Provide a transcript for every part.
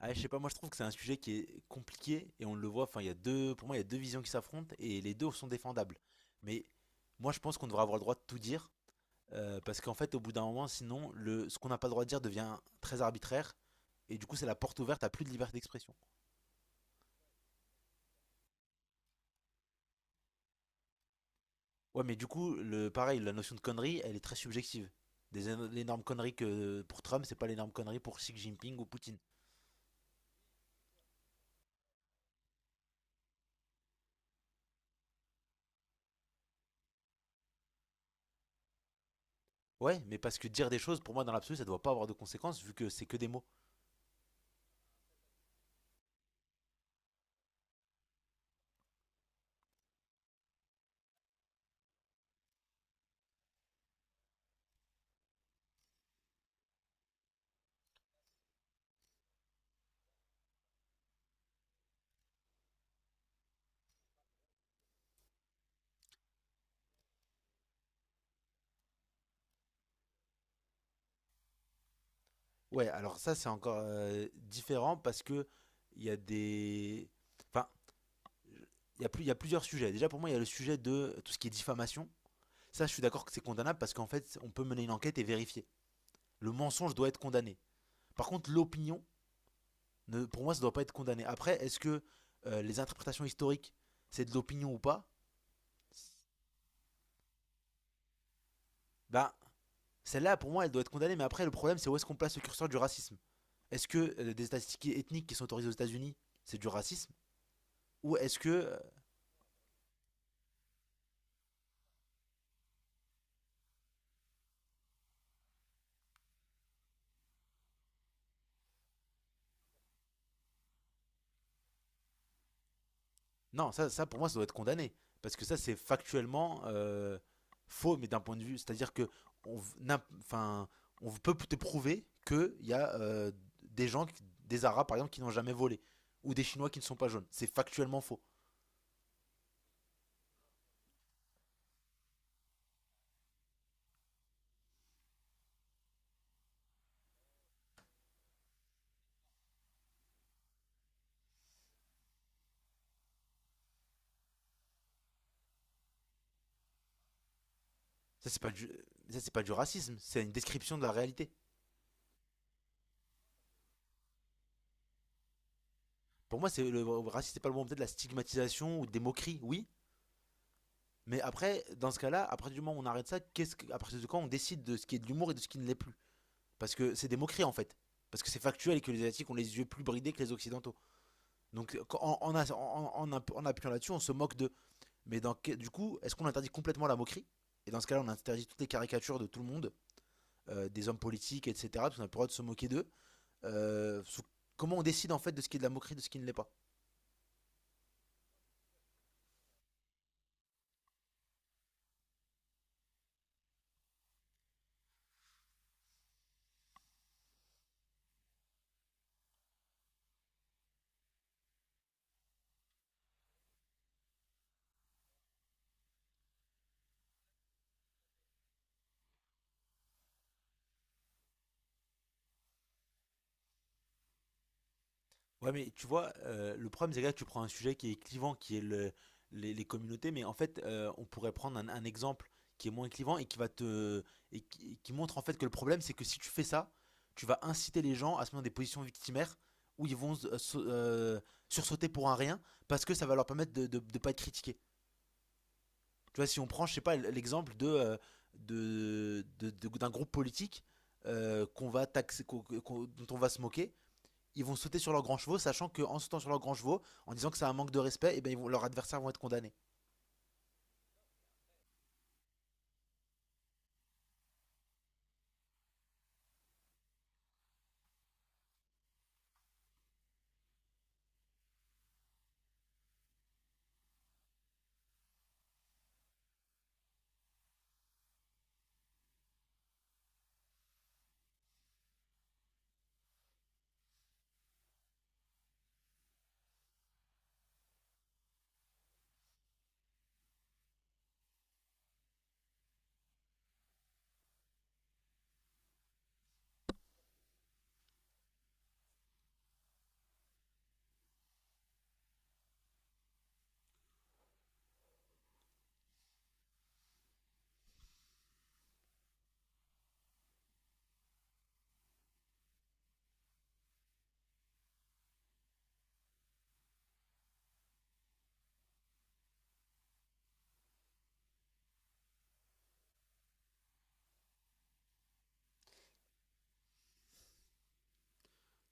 Ah, je sais pas, moi je trouve que c'est un sujet qui est compliqué et on le voit. Enfin, il y a deux, pour moi, il y a deux visions qui s'affrontent et les deux sont défendables. Mais moi, je pense qu'on devrait avoir le droit de tout dire parce qu'en fait, au bout d'un moment, sinon, ce qu'on n'a pas le droit de dire devient très arbitraire, et du coup, c'est la porte ouverte à plus de liberté d'expression. Ouais, mais du coup, le pareil, la notion de connerie, elle est très subjective. L'énorme connerie que pour Trump, c'est pas l'énorme connerie pour Xi Jinping ou Poutine. Ouais, mais parce que dire des choses, pour moi, dans l'absolu, ça doit pas avoir de conséquences vu que c'est que des mots. Ouais, alors ça c'est encore différent, parce que il y a des, enfin, il y a plusieurs sujets. Déjà pour moi il y a le sujet de tout ce qui est diffamation. Ça je suis d'accord que c'est condamnable, parce qu'en fait on peut mener une enquête et vérifier. Le mensonge doit être condamné. Par contre l'opinion, pour moi ça doit pas être condamné. Après est-ce que les interprétations historiques, c'est de l'opinion ou pas? Ben celle-là pour moi elle doit être condamnée. Mais après le problème, c'est où est-ce qu'on place le curseur du racisme? Est-ce que des statistiques ethniques qui sont autorisées aux États-Unis, c'est du racisme, ou est-ce que non, ça pour moi, ça doit être condamné. Parce que ça, c'est factuellement faux, mais d'un point de vue. C'est-à-dire que on, v- n'a- enfin, on peut te prouver qu'il y a des des Arabes par exemple, qui n'ont jamais volé. Ou des Chinois qui ne sont pas jaunes. C'est factuellement faux. Ça, c'est pas du, ça, c'est pas du racisme. C'est une description de la réalité. Pour moi, c'est le racisme, c'est pas le bon, peut-être la stigmatisation ou des moqueries, oui. Mais après, dans ce cas-là, à partir du moment où on arrête ça, à partir de quand on décide de ce qui est de l'humour et de ce qui ne l'est plus? Parce que c'est des moqueries en fait. Parce que c'est factuel et que les Asiatiques ont les yeux plus bridés que les Occidentaux. Donc en appuyant là-dessus, on se moque d'eux. Mais dans, du coup, est-ce qu'on interdit complètement la moquerie? Et dans ce cas-là, on interdit toutes les caricatures de tout le monde, des hommes politiques, etc. Parce qu'on a pas le droit de se moquer d'eux. Euh, sous- comment on décide en fait de ce qui est de la moquerie, de ce qui ne l'est pas? Ouais, mais tu vois, le problème, c'est que là, tu prends un sujet qui est clivant, qui est les communautés, mais en fait, on pourrait prendre un exemple qui est moins clivant et qui va te et qui montre en fait que le problème, c'est que si tu fais ça, tu vas inciter les gens à se mettre dans des positions victimaires où ils vont sursauter pour un rien parce que ça va leur permettre de ne pas être critiqués. Tu vois, si on prend, je sais pas, l'exemple de, d'un groupe politique qu'on va taxer, dont on va se moquer, ils vont sauter sur leurs grands chevaux, sachant qu'en sautant sur leurs grands chevaux, en disant que c'est un manque de respect, et ben leurs adversaires vont être condamnés.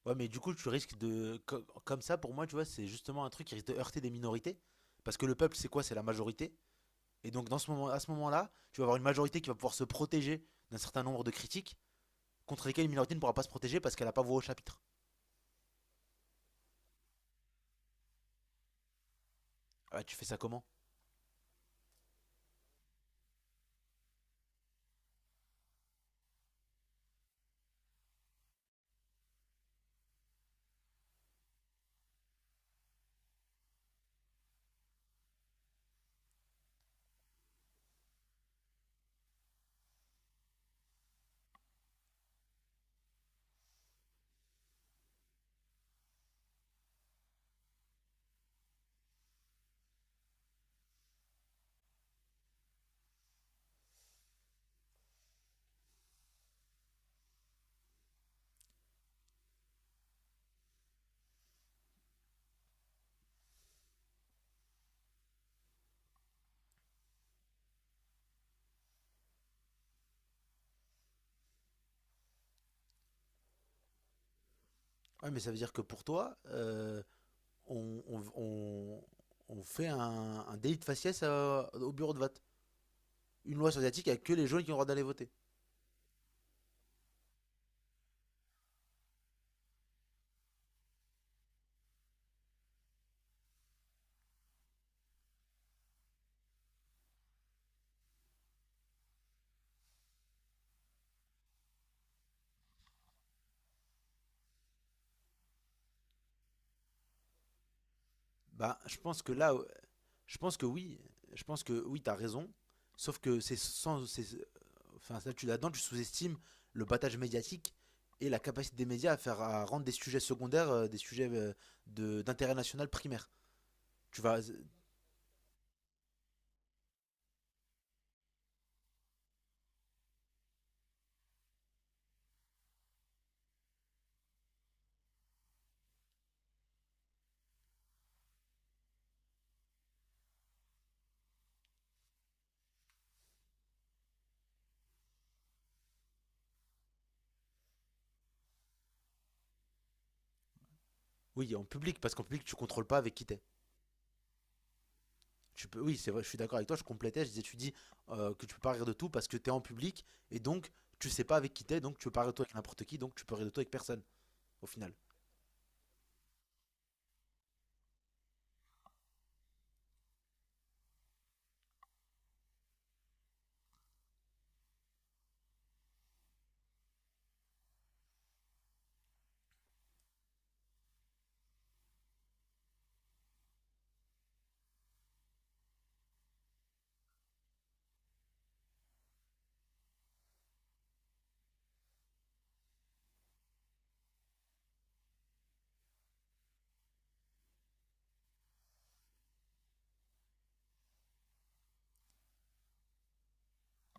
Ouais, mais du coup, tu risques de. Co- comme ça, pour moi, tu vois, c'est justement un truc qui risque de heurter des minorités. Parce que le peuple, c'est quoi? C'est la majorité. Et donc, dans ce moment, à ce moment-là, tu vas avoir une majorité qui va pouvoir se protéger d'un certain nombre de critiques, contre lesquelles une minorité ne pourra pas se protéger parce qu'elle n'a pas voix au chapitre. Ah, ouais, tu fais ça comment? Ouais, mais ça veut dire que pour toi, on, on- on- on fait un délit de faciès au bureau de vote. Une loi sur asiatique avec que les jaunes qui ont le droit d'aller voter. Bah, je pense que là, je pense que oui, je pense que oui, t'as raison. Sauf que c'est sans, c'est- enfin, là, tu là-dedans, tu sous-estimes le battage médiatique et la capacité des médias à à rendre des sujets secondaires, des sujets de d'intérêt national primaire. Tu vas, euh, oui, en public, parce qu'en public, tu contrôles pas avec qui t'es. Oui, c'est vrai, je suis d'accord avec toi. Je complétais, je disais, tu dis que tu peux pas rire de tout parce que t'es en public, et donc tu sais pas avec qui t'es, donc tu peux pas rire de toi avec n'importe qui, donc tu peux rire de toi avec personne au final.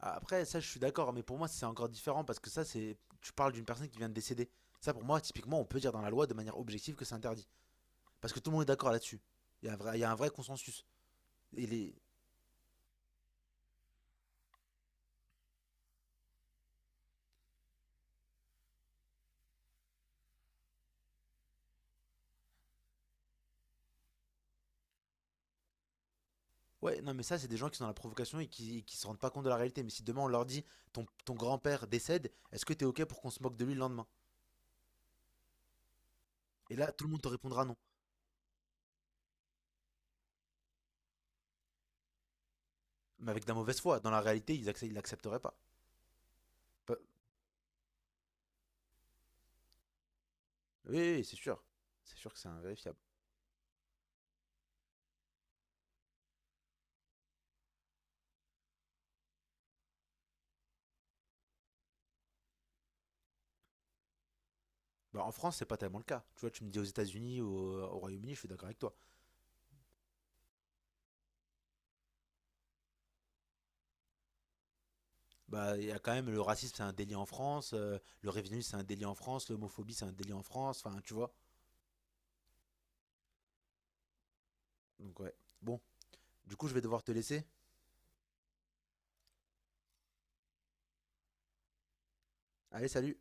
Après, ça, je suis d'accord, mais pour moi, c'est encore différent parce que ça, c'est. Tu parles d'une personne qui vient de décéder. Ça, pour moi, typiquement, on peut dire dans la loi de manière objective que c'est interdit. Parce que tout le monde est d'accord là-dessus. Il y a un vrai consensus. Et les... Ouais, non, mais ça, c'est des gens qui sont dans la provocation et qui se rendent pas compte de la réalité. Mais si demain on leur dit ton grand-père décède, est-ce que t'es OK pour qu'on se moque de lui le lendemain? Et là, tout le monde te répondra non. Mais avec de la mauvaise foi. Dans la réalité, ils accepteraient l'accepteraient pas. Pas- oui, oui, c'est sûr. C'est sûr que c'est invérifiable. Bah, en France, c'est pas tellement le cas. Tu vois, tu me dis aux États-Unis, au Royaume-Uni, je suis d'accord avec toi. Bah, il y a quand même le racisme, c'est un délit en France, le révisionnisme, c'est un délit en France, l'homophobie, c'est un délit en France, enfin, tu vois. Donc, ouais. Bon, du coup, je vais devoir te laisser. Allez, salut!